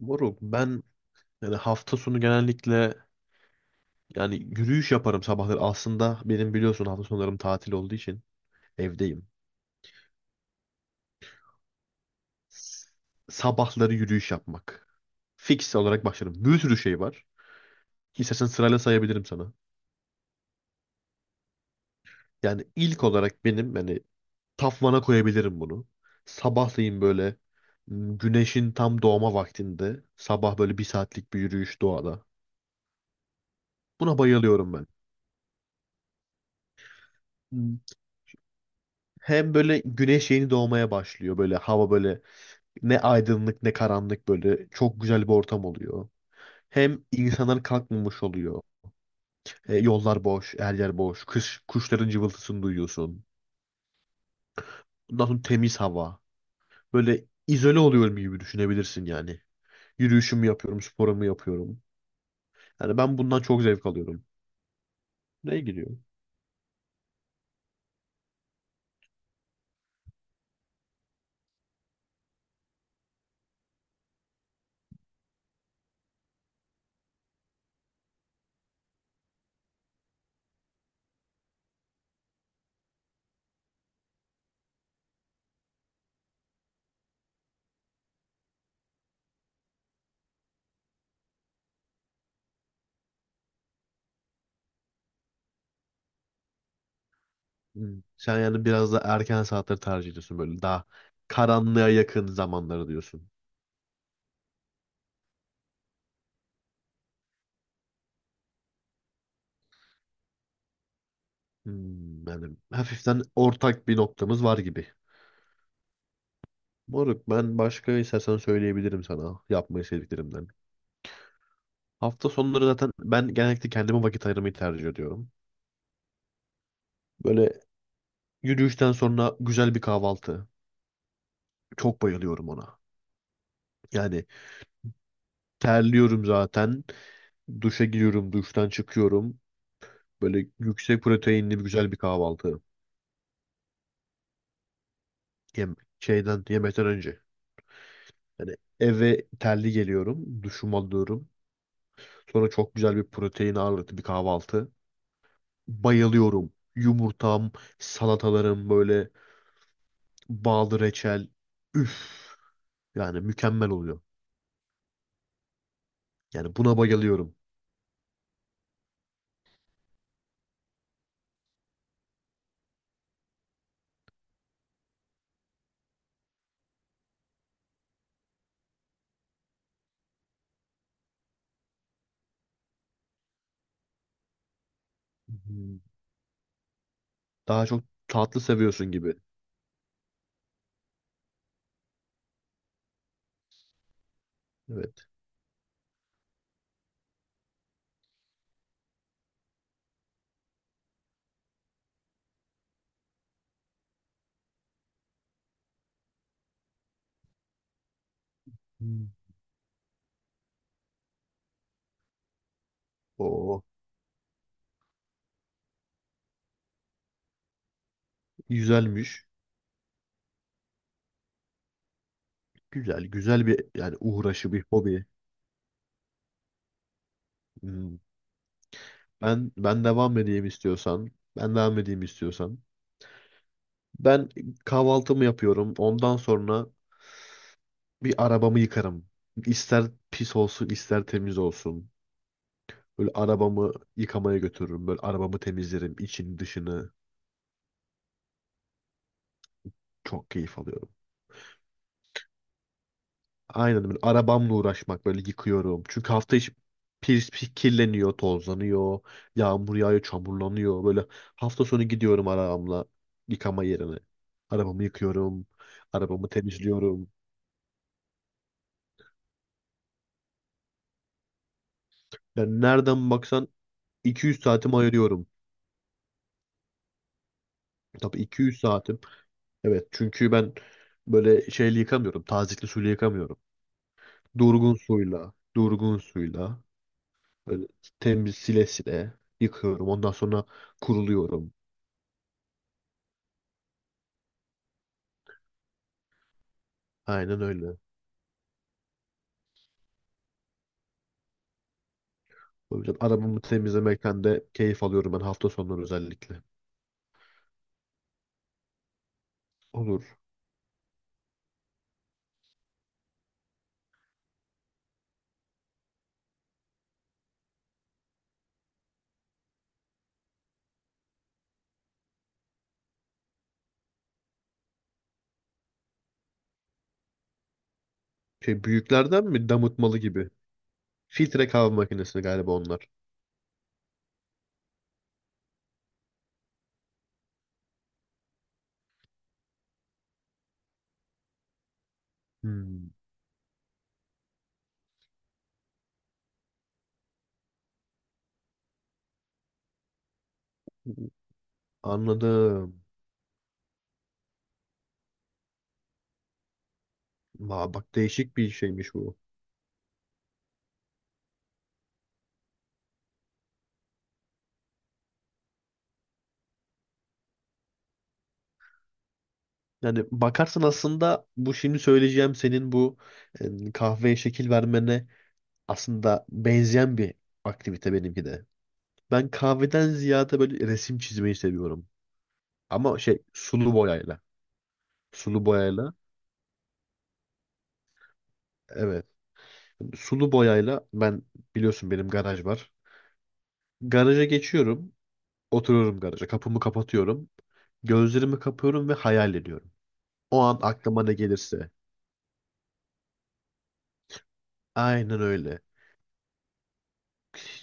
Moruk ben, hafta sonu genellikle, yürüyüş yaparım sabahları. Aslında benim biliyorsun hafta sonlarım tatil olduğu için evdeyim. S- Sabahları yürüyüş yapmak. Fix olarak başlarım. Bir sürü şey var. İstersen sırayla sayabilirim sana. Yani ilk olarak benim, tafvana koyabilirim bunu. Sabahleyin böyle güneşin tam doğma vaktinde sabah böyle bir saatlik bir yürüyüş doğada. Buna bayılıyorum ben. Hmm. Hem böyle güneş yeni doğmaya başlıyor, böyle hava böyle, ne aydınlık ne karanlık, böyle çok güzel bir ortam oluyor. Hem insanlar kalkmamış oluyor. Yollar boş, her yer boş. Kış, kuşların cıvıltısını duyuyorsun. Ondan sonra temiz hava. Böyle izole oluyorum gibi düşünebilirsin yani. Yürüyüşümü yapıyorum, sporumu yapıyorum. Yani ben bundan çok zevk alıyorum. Neye giriyor? Hmm. Sen yani biraz da erken saatleri tercih ediyorsun, böyle daha karanlığa yakın zamanları diyorsun. Hmm, yani hafiften ortak bir noktamız var gibi. Moruk ben başka istersen söyleyebilirim sana yapmayı sevdiklerimden. Hafta sonları zaten ben genellikle kendime vakit ayırmayı tercih ediyorum. Böyle yürüyüşten sonra güzel bir kahvaltı. Çok bayılıyorum ona. Yani terliyorum zaten. Duşa giriyorum, duştan çıkıyorum. Böyle yüksek proteinli bir güzel bir kahvaltı. Yemekten önce. Yani eve terli geliyorum, duşumu alıyorum. Sonra çok güzel bir protein ağırlıklı bir kahvaltı. Bayılıyorum. Yumurtam, salatalarım böyle, bağlı reçel. Üf, yani mükemmel oluyor. Yani buna bayılıyorum. Hmm. Daha çok tatlı seviyorsun gibi. Evet. Hmm. Oo, güzelmiş. Güzel, güzel bir yani uğraşı, bir hobi. Hmm. Ben devam edeyim istiyorsan. Ben devam edeyim istiyorsan. Ben kahvaltımı yapıyorum. Ondan sonra bir arabamı yıkarım. İster pis olsun, ister temiz olsun. Böyle arabamı yıkamaya götürürüm. Böyle arabamı temizlerim, içini dışını. Çok keyif alıyorum. Aynen, böyle arabamla uğraşmak, böyle yıkıyorum. Çünkü hafta içi pis, pis kirleniyor, tozlanıyor, yağmur yağıyor, çamurlanıyor. Böyle hafta sonu gidiyorum arabamla yıkama yerine. Arabamı yıkıyorum, arabamı temizliyorum. Yani nereden baksan 200 saatimi ayırıyorum. Tabii 200 saatim. Evet çünkü ben böyle şeyle yıkamıyorum, tazikli suyla yıkamıyorum. Durgun suyla, böyle temiz sile sile yıkıyorum. Ondan sonra kuruluyorum. Aynen öyle. O yüzden arabamı temizlemekten de keyif alıyorum ben, hafta sonları özellikle. Olur. Şey, büyüklerden mi, damıtmalı gibi? Filtre kahve makinesi galiba onlar. Hmm. Anladım. Aa, bak değişik bir şeymiş bu. Yani bakarsan aslında bu şimdi söyleyeceğim, senin bu kahveye şekil vermene aslında benzeyen bir aktivite benimki de. Ben kahveden ziyade böyle resim çizmeyi seviyorum. Ama şey, sulu boyayla. Sulu boyayla. Evet. Sulu boyayla ben, biliyorsun benim garaj var. Garaja geçiyorum. Oturuyorum garaja. Kapımı kapatıyorum. Gözlerimi kapıyorum ve hayal ediyorum. O an aklıma ne gelirse. Aynen öyle.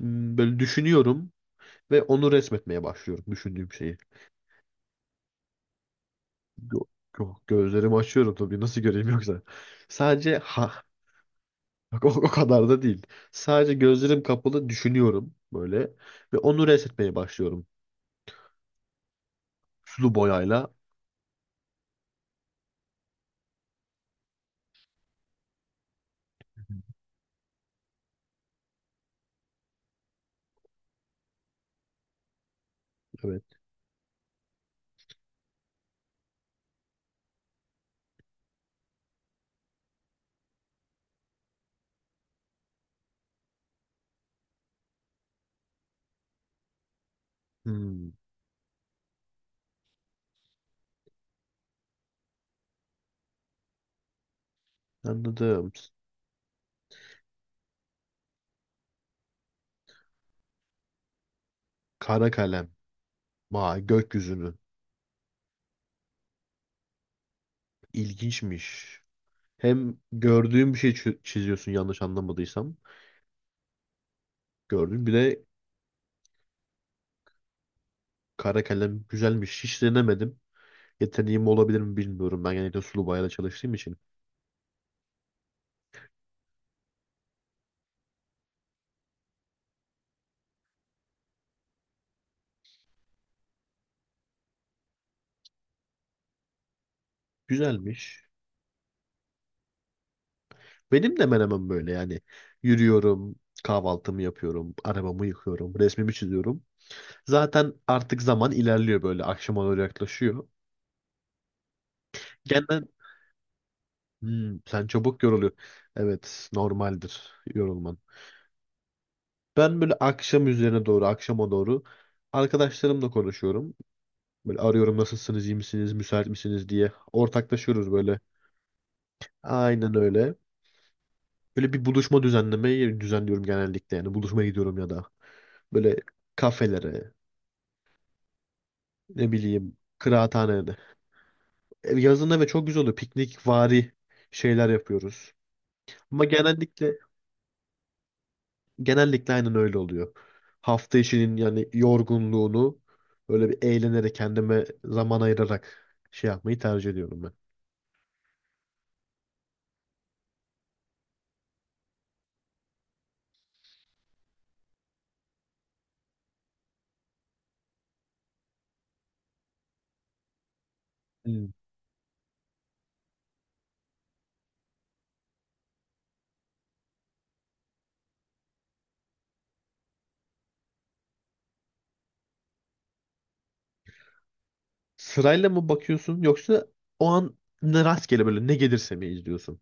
Böyle düşünüyorum ve onu resmetmeye başlıyorum, düşündüğüm şeyi. Yo- Gözlerimi açıyorum tabii, nasıl göreyim yoksa. Sadece, ha bak, o kadar da değil. Sadece gözlerim kapalı düşünüyorum böyle, ve onu resmetmeye başlıyorum. Sulu boyayla. Evet. Hmm, anladım. Kara kalem. Vay, gökyüzünü. İlginçmiş. Hem gördüğüm bir şey çiziyorsun, yanlış anlamadıysam. Gördüğüm bir de kara kalem, güzelmiş. Hiç denemedim. Yeteneğim olabilir mi bilmiyorum. Ben genellikle sulu boyayla çalıştığım için. Güzelmiş. Benim de hemen hemen böyle yani. Yürüyorum, kahvaltımı yapıyorum, arabamı yıkıyorum, resmimi çiziyorum. Zaten artık zaman ilerliyor böyle. Akşama doğru yaklaşıyor. Genel Hmm, sen çabuk yoruluyor. Evet, normaldir yorulman. Ben böyle akşama doğru arkadaşlarımla konuşuyorum. Böyle arıyorum, nasılsınız, iyi misiniz, müsait misiniz diye. Ortaklaşıyoruz böyle. Aynen öyle. Böyle bir buluşma düzenlemeyi düzenliyorum genellikle yani. Buluşmaya gidiyorum ya da böyle kafelere, ne bileyim, kıraathanede. Yazın evet çok güzel oluyor. Piknik vari şeyler yapıyoruz. Ama genellikle Genellikle aynen öyle oluyor. Hafta işinin yani yorgunluğunu böyle bir eğlenerek, kendime zaman ayırarak şey yapmayı tercih ediyorum ben. Hmm. Sırayla mı bakıyorsun, yoksa o an ne rastgele, böyle ne gelirse mi izliyorsun?